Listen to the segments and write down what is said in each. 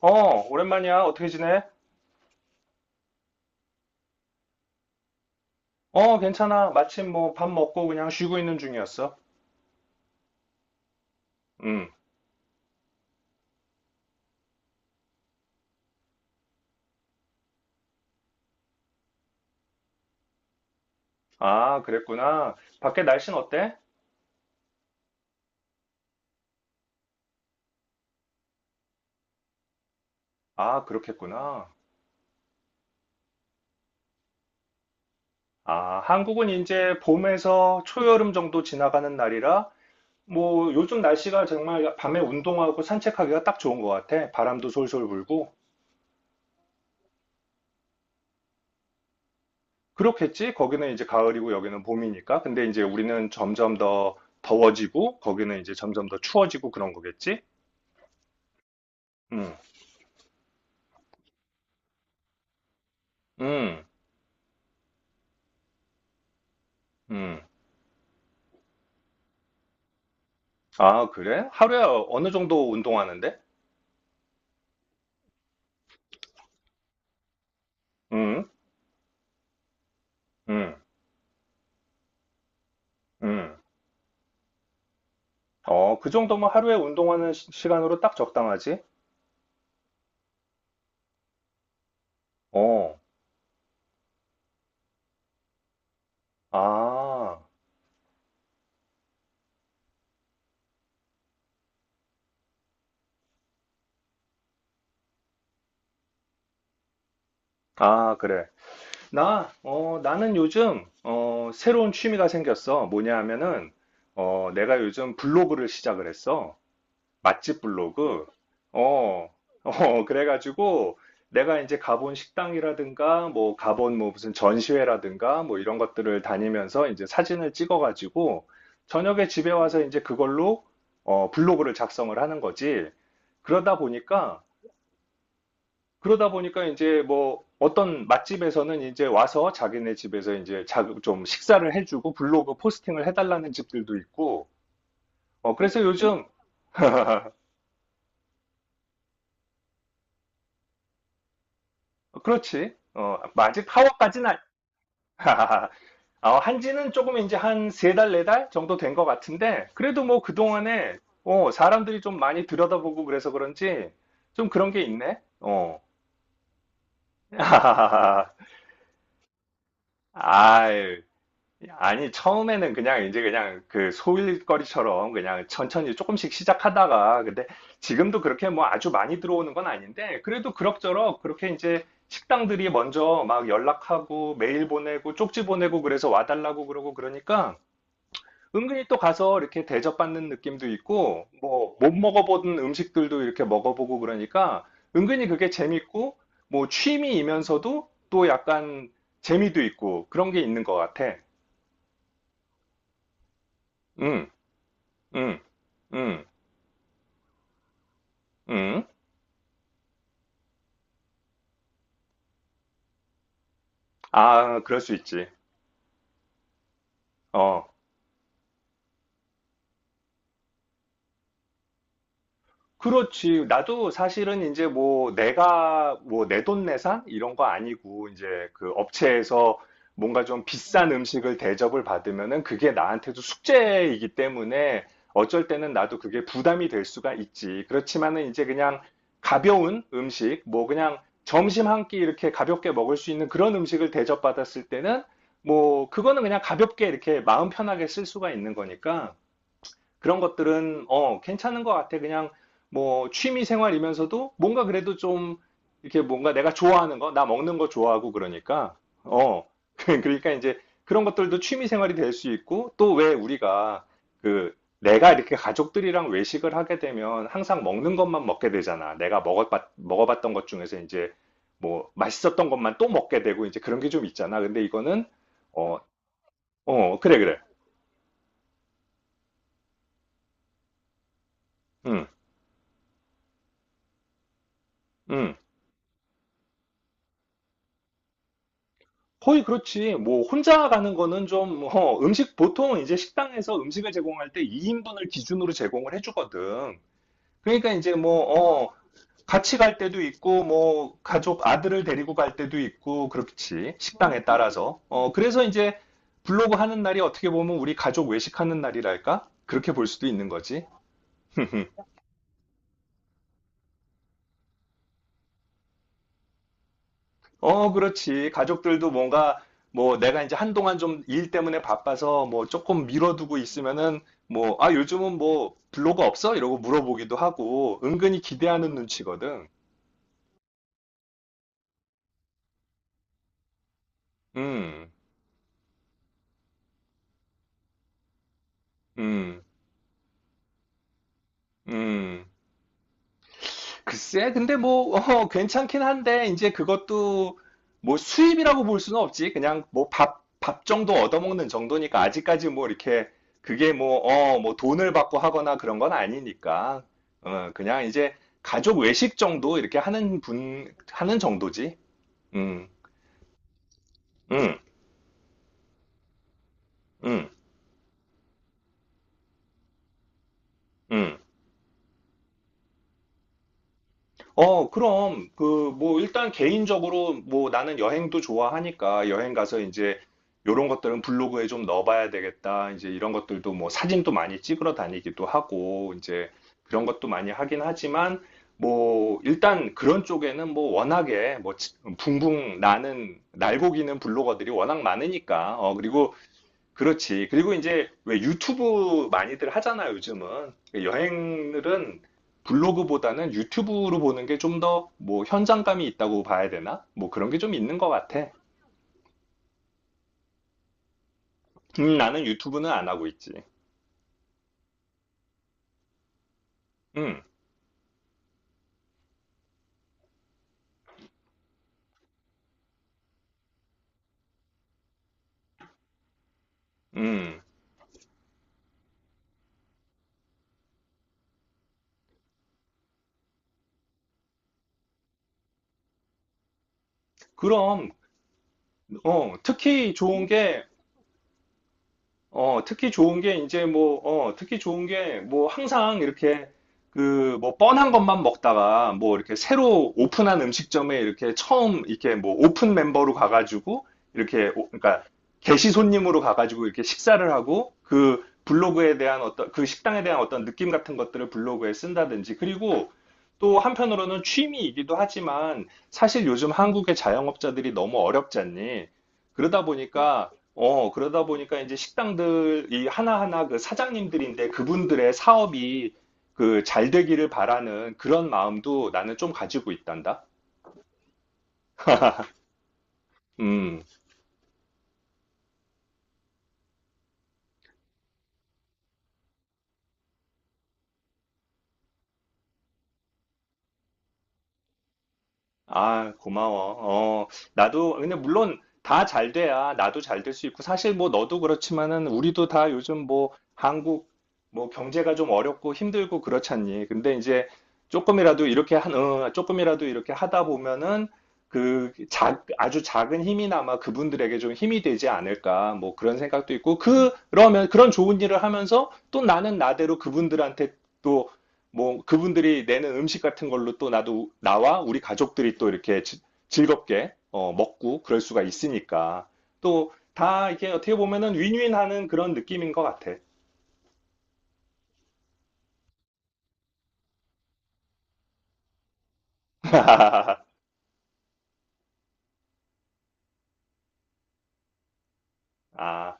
오랜만이야. 어떻게 지내? 괜찮아. 마침 뭐 밥 먹고 그냥 쉬고 있는 중이었어. 음. 아, 그랬구나. 밖에 날씨는 어때? 아, 그렇겠구나. 아, 한국은 이제 봄에서 초여름 정도 지나가는 날이라 뭐 요즘 날씨가 정말 밤에 운동하고 산책하기가 딱 좋은 것 같아. 바람도 솔솔 불고. 그렇겠지? 거기는 이제 가을이고 여기는 봄이니까. 근데 이제 우리는 점점 더 더워지고 거기는 이제 점점 더 추워지고 그런 거겠지? 음. 음. 음. 아, 그래? 하루에 어느 정도 운동하는데? 응, 응, 응. 어, 그 정도면 하루에 운동하는 시, 간으로딱 적당하지? 어, 아, 아, 그래. 나, 나는 요즘, 새로운 취미가 생겼어. 뭐냐 하면은, 내가 요즘 블로그를 시작을 했어. 맛집 블로그? 어, 어, 그래가지고 내가 이제 가본 식당이라든가 뭐 가본 뭐 무슨 전시회라든가 뭐 이런 것들을 다니면서 이제 사진을 찍어가지고 저녁에 집에 와서 이제 그걸로 블로그를 작성을 하는 거지. 그러다 보니까 그러다 보니까 이제 뭐 어떤 맛집에서는 이제 와서 자기네 집에서 이제 자, 좀 식사를 해주고 블로그 포스팅을 해달라는 집들도 있고. 어, 그래서 요즘 그렇지. 어, 뭐 아직 파워까지는 어, 한지는 조금 이제 한 세 달, 네 달 정도 된 것 같은데, 그래도 뭐 그동안에, 어, 사람들이 좀 많이 들여다보고 그래서 그런지, 좀 그런 게 있네? 어. 아유, 아니, 처음에는 그냥 이제 그냥 그 소일거리처럼 그냥 천천히 조금씩 시작하다가, 근데 지금도 그렇게 뭐 아주 많이 들어오는 건 아닌데, 그래도 그럭저럭 그렇게 이제 식당들이 먼저 막 연락하고 메일 보내고 쪽지 보내고 그래서 와달라고 그러고 그러니까, 은근히 또 가서 이렇게 대접받는 느낌도 있고, 뭐, 못 먹어보던 음식들도 이렇게 먹어보고 그러니까, 은근히 그게 재밌고, 뭐, 취미이면서도 또 약간 재미도 있고, 그런 게 있는 것 같아. 응, 응, 응, 응. 아, 그럴 수 있지. 어. 그렇지. 나도 사실은 이제 뭐 내가 뭐 내돈내산 이런 거 아니고 이제 그 업체에서 뭔가 좀 비싼 음식을 대접을 받으면은 그게 나한테도 숙제이기 때문에 어쩔 때는 나도 그게 부담이 될 수가 있지. 그렇지만은 이제 그냥 가벼운 음식, 뭐 그냥 점심 한끼 이렇게 가볍게 먹을 수 있는 그런 음식을 대접받았을 때는 뭐 그거는 그냥 가볍게 이렇게 마음 편하게 쓸 수가 있는 거니까 그런 것들은 괜찮은 것 같아. 그냥 뭐 취미 생활이면서도 뭔가 그래도 좀 이렇게 뭔가 내가 좋아하는 거, 나 먹는 거 좋아하고 그러니까 어, 그러니까 이제 그런 것들도 취미 생활이 될 수 있고 또 왜 우리가 그 내가 이렇게 가족들이랑 외식을 하게 되면 항상 먹는 것만 먹게 되잖아. 내가 먹어봤던 것 중에서 이제 뭐 맛있었던 것만 또 먹게 되고 이제 그런 게 좀 있잖아. 근데 이거는 어, 어, 그래, 그래. 응, 응. 거의 그렇지. 뭐, 혼자 가는 거는 좀, 어, 음식, 보통 이제 식당에서 음식을 제공할 때 2인분을 기준으로 제공을 해주거든. 그러니까 이제 뭐, 같이 갈 때도 있고, 뭐, 가족, 아들을 데리고 갈 때도 있고, 그렇지. 식당에 따라서. 어, 그래서 이제 블로그 하는 날이 어떻게 보면 우리 가족 외식하는 날이랄까? 그렇게 볼 수도 있는 거지. 어, 그렇지. 가족들도 뭔가 뭐 내가 이제 한동안 좀 일 때문에 바빠서 뭐 조금 미뤄두고 있으면은 뭐 아, 요즘은 뭐 블로그 없어? 이러고 물어보기도 하고 은근히 기대하는 눈치거든. 음, 음, 음. 글쎄, 근데 뭐, 어, 괜찮긴 한데, 이제 그것도 뭐 수입이라고 볼 수는 없지. 그냥 뭐 밥, 밥 정도 얻어먹는 정도니까 아직까지 뭐 이렇게 그게 뭐, 어, 뭐 돈을 받고 하거나 그런 건 아니니까. 어, 그냥 이제 가족 외식 정도 이렇게 하는 분, 하는 정도지. 음, 음, 음, 음. 어, 그럼, 그, 뭐, 일단 개인적으로, 뭐, 나는 여행도 좋아하니까, 여행 가서 이제, 요런 것들은 블로그에 좀 넣어봐야 되겠다. 이제 이런 것들도 뭐, 사진도 많이 찍으러 다니기도 하고, 이제, 그런 것도 많이 하긴 하지만, 뭐, 일단 그런 쪽에는 뭐, 워낙에, 뭐, 붕붕 나는, 날고기는 블로거들이 워낙 많으니까, 어, 그리고 그렇지. 그리고 이제 왜 유튜브 많이들 하잖아요, 요즘은. 여행들은 블로그보다는 유튜브로 보는 게 좀 더 뭐 현장감이 있다고 봐야 되나? 뭐 그런 게 좀 있는 것 같아. 나는 유튜브는 안 하고 있지. 음, 음. 그럼, 어, 특히 좋은 게 어, 특히 좋은 게 이제 뭐, 특히 좋은 게 뭐 항상 이렇게 그 뭐 뻔한 것만 먹다가 뭐 이렇게 새로 오픈한 음식점에 이렇게 처음 이렇게 뭐 오픈 멤버로 가가지고 그러니까 게시 손님으로 가가지고 이렇게 식사를 하고 그 블로그에 대한 어떤 그 식당에 대한 어떤 느낌 같은 것들을 블로그에 쓴다든지 그리고 또 한편으로는 취미이기도 하지만 사실 요즘 한국의 자영업자들이 너무 어렵지 않니? 그러다 보니까 어, 그러다 보니까 이제 식당들이 하나하나 그 사장님들인데 그분들의 사업이 그 잘 되기를 바라는 그런 마음도 나는 좀 가지고 있단다. 음. 아, 고마워. 어, 나도, 근데 물론 다 잘 돼야 나도 잘 될 수 있고, 사실 뭐 너도 그렇지만은 우리도 다 요즘 뭐 한국 뭐 경제가 좀 어렵고 힘들고 그렇잖니. 근데 이제 어, 조금이라도 이렇게 하다 보면은 아주 작은 힘이나마 그분들에게 좀 힘이 되지 않을까. 뭐 그런 생각도 있고, 그, 그러면 그런 좋은 일을 하면서 또 나는 나대로 그분들한테 또 뭐 그분들이 내는 음식 같은 걸로 또 나도 나와 우리 가족들이 또 이렇게 즐겁게 먹고 그럴 수가 있으니까 또 다 이게 어떻게 보면은 윈윈하는 그런 느낌인 것 같아. 아,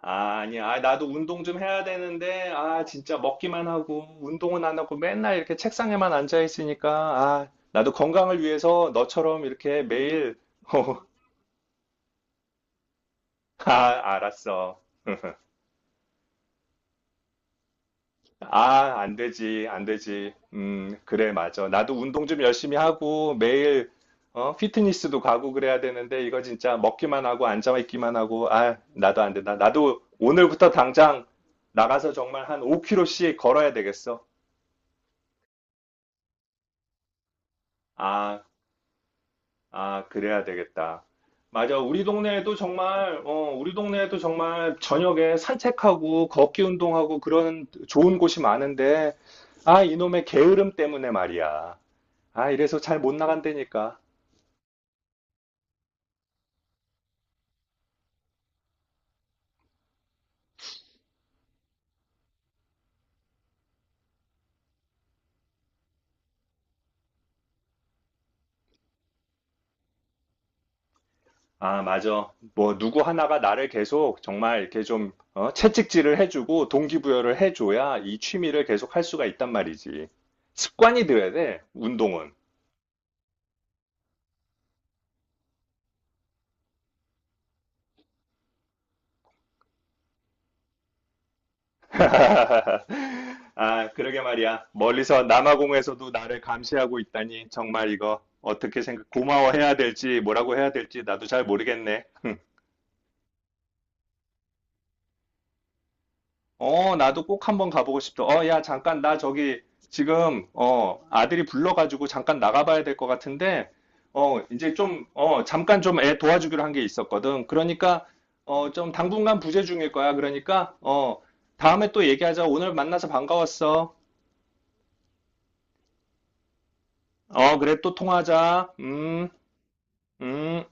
아, 아니야. 아, 나도 운동 좀 해야 되는데 아 진짜 먹기만 하고 운동은 안 하고 맨날 이렇게 책상에만 앉아 있으니까 아 나도 건강을 위해서 너처럼 이렇게 매일 어, 아 알았어. 아, 안 되지, 안 되지. 그래, 맞아. 나도 운동 좀 열심히 하고 매일 피트니스도 가고 그래야 되는데 이거 진짜 먹기만 하고 앉아 있기만 하고 아, 나도 안 된다. 나도 오늘부터 당장 나가서 정말 한 5 km씩 걸어야 되겠어. 아, 아, 그래야 되겠다. 맞아. 우리 동네에도 정말 저녁에 산책하고 걷기 운동하고 그런 좋은 곳이 많은데 아, 이놈의 게으름 때문에 말이야. 아, 이래서 잘 못 나간다니까. 아, 맞아. 뭐, 누구 하나가 나를 계속 정말 이렇게 좀, 채찍질을 해주고 동기부여를 해줘야 이 취미를 계속 할 수가 있단 말이지. 습관이 돼야 돼, 운동은. 아, 그러게 말이야. 멀리서 남아공에서도 나를 감시하고 있다니. 정말 이거 어떻게 생각, 고마워해야 될지 뭐라고 해야 될지 나도 잘 모르겠네. 어, 나도 꼭 한번 가보고 싶다. 어, 야, 잠깐, 나 저기, 지금, 어, 아들이 불러가지고 잠깐 나가봐야 될 것 같은데, 어, 이제 좀, 어, 잠깐 좀 애 도와주기로 한게 있었거든. 그러니까, 어, 좀 당분간 부재 중일 거야. 그러니까, 어, 다음에 또 얘기하자. 오늘 만나서 반가웠어. 어, 그래, 또 통화하자. 음.